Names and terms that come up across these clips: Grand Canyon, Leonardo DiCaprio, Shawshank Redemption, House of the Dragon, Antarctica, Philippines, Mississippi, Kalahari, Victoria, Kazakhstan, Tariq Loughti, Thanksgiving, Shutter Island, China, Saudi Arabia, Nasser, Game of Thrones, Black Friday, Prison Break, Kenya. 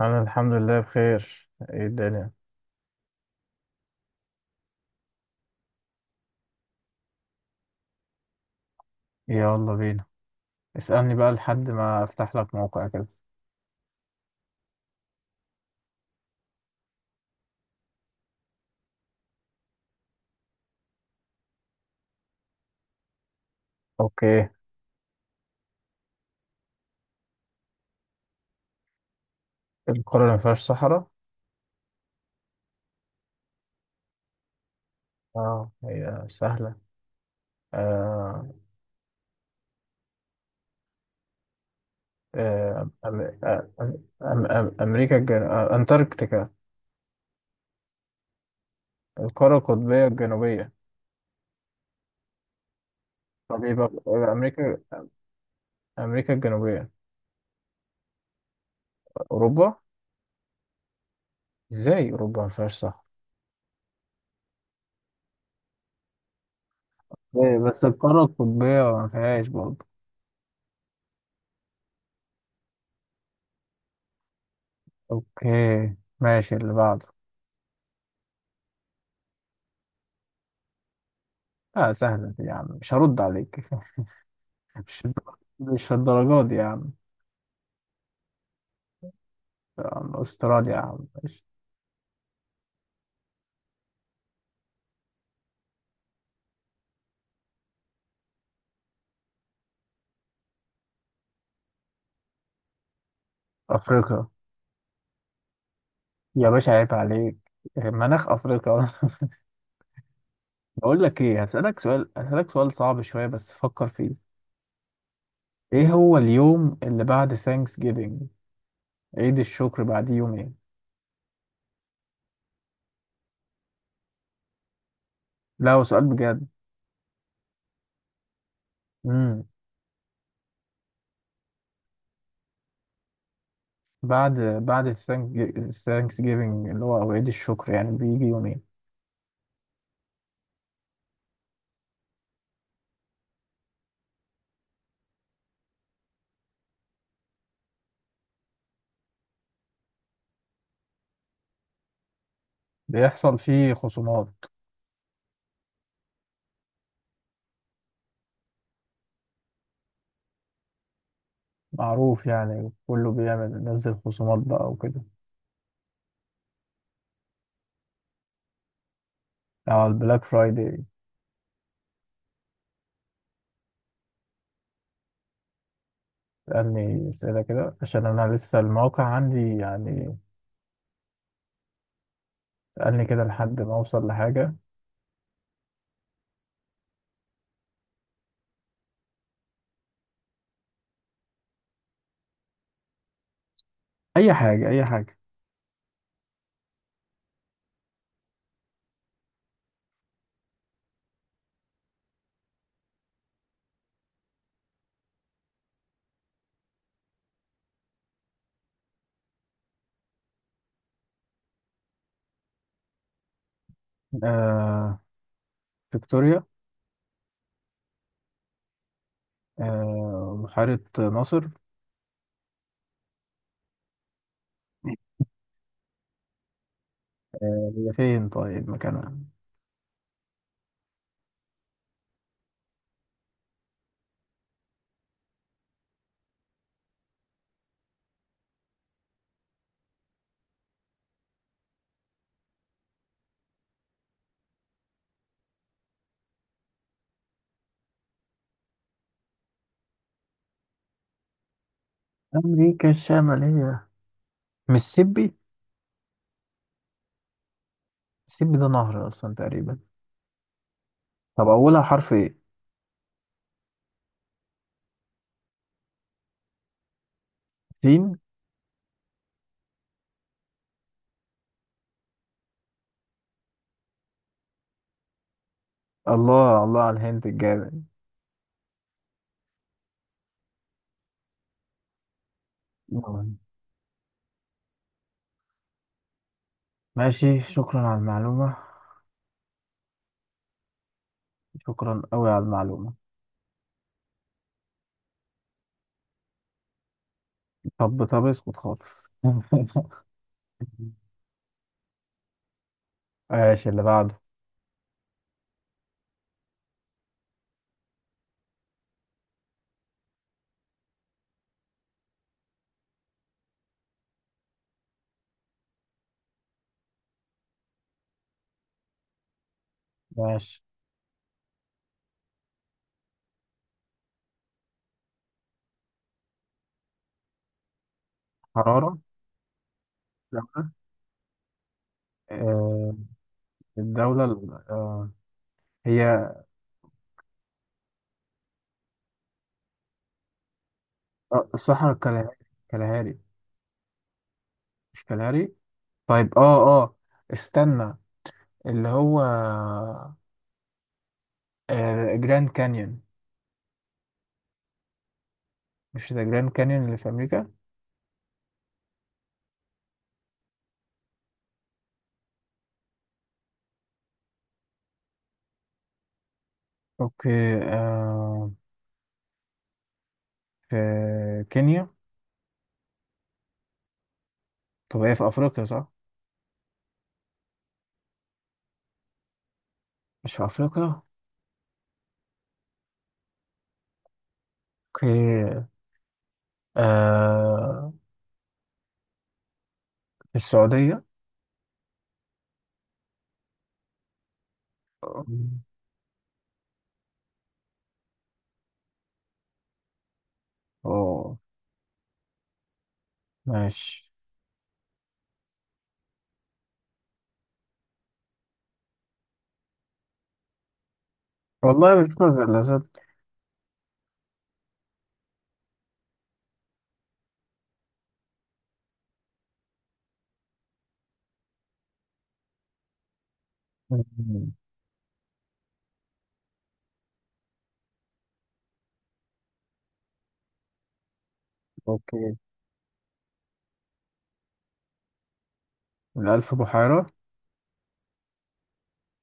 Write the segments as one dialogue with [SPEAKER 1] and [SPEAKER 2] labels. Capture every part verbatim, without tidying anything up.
[SPEAKER 1] انا الحمد لله بخير. ايه الدنيا؟ يلا بينا. اسألني بقى لحد ما افتح لك موقع كده. اوكي. القارة اللي ما فيهاش صحراء؟ اه هي سهلة. آه. آه أم أم أم أم امريكا الجن... آه، انتاركتيكا، القارة القطبية الجنوبية. طب ايه بقى آه، امريكا، امريكا الجنوبية. اوروبا. ازاي اوروبا ما فيهاش صحراء؟ إيه، بس القارة القطبية ما فيهاش برضه. اوكي ماشي اللي بعده. اه سهلة دي يا عم، مش هرد عليك. مش مش الدرجات دي يا عم. يا عم استراليا يا عم ماشي. افريقيا. يا باشا عيب عليك، مناخ افريقيا. بقول لك ايه، هسألك سؤال هسألك سؤال صعب شوية بس فكر فيه. ايه هو اليوم اللي بعد ثانكس جيفنج؟ عيد الشكر بعد يومين. لا هو سؤال بجد. امم بعد بعد الثانكس جيفنج اللي هو أو عيد الشكر، يعني بيجي يومين. بيحصل فيه خصومات. معروف يعني، كله بيعمل ينزل خصومات بقى وكده. على البلاك فرايداي. سألني أسئلة كده عشان أنا لسه الموقع عندي يعني. سألني كده لحد ما أوصل لحاجة. أي حاجة أي حاجة. آه فيكتوريا. آه بحيرة ناصر. آه هي فين طيب؟ مكانها أمريكا الشمالية. ميسيبي. ميسيبي ده نهر أصلا تقريبا. طب أولها حرف إيه؟ سين. الله الله على الهنت الجامد. نعم. ماشي، شكرا على المعلومة. شكرا أوي على المعلومة. طب طب اسكت خالص. ماشي اللي بعده. ماشي. حرارة. دولة. آه الدولة ال- آه هي. آه الصحراء الكالهاري. كالهاري. مش كالهاري. طيب. اه اه استنى، اللي هو آه جراند كانيون. مش ذا جراند كانيون اللي في أمريكا؟ اوكي. آه في كينيا. طب هي في أفريقيا صح؟ مش في أفريقيا. اوكي. آه في السعودية. اه. آه، ماشي. والله مش فاكر لازم. اوكي. الألف بحيرة.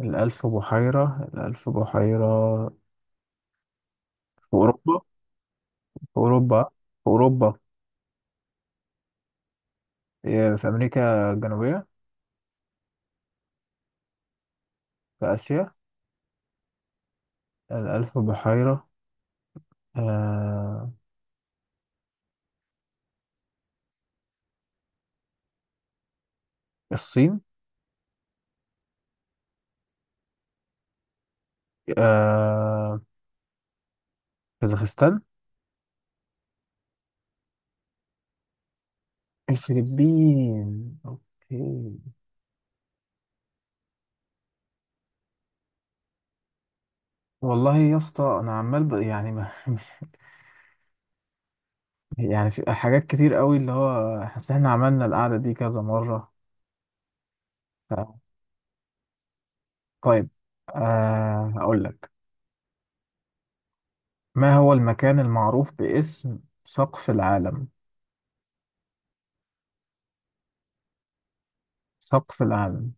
[SPEAKER 1] الألف بحيرة الألف بحيرة. في أوروبا. في أوروبا. في أوروبا. إيه، في أمريكا الجنوبية. في آسيا. الألف بحيرة. آه الصين. آه كازاخستان. الفلبين أوكي. والله يا اسطى أنا عمال ب... يعني ما... يعني في حاجات كتير قوي اللي هو حاسس إن إحنا عملنا القعدة دي كذا مرة. ف... طيب، آه هقول لك. ما هو المكان المعروف باسم سقف العالم؟ سقف العالم.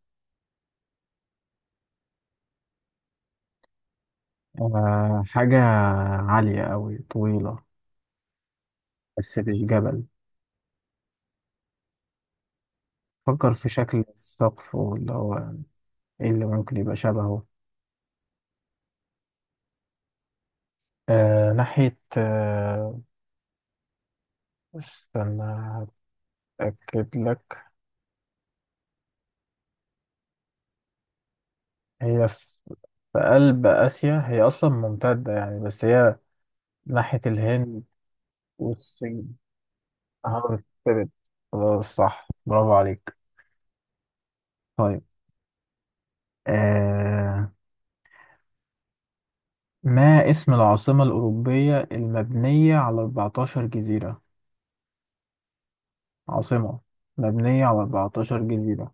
[SPEAKER 1] آه حاجة عالية أوي، طويلة، بس مش جبل. فكر في شكل السقف واللي هو إيه اللي ممكن يبقى شبهه. آه ناحية آه استنى. هتأكد لك. هي في في قلب آسيا، هي أصلا ممتدة يعني، بس هي ناحية الهند والصين. هارد. خلاص صح برافو عليك. طيب. آه ما اسم العاصمة الأوروبية المبنية على أربعتاشر جزيرة؟ عاصمة مبنية على أربع عشرة جزيرة.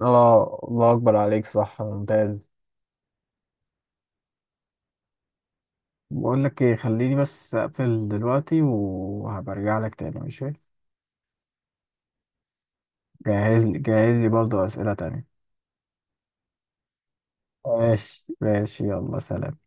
[SPEAKER 1] اه الله اكبر عليك، صح، ممتاز. بقول لك ايه، خليني بس أقفل دلوقتي وهبرجع لك تاني ماشي. جهز لي جهز لي برضه أسئلة تانية. ماشي ماشي يلا سلام.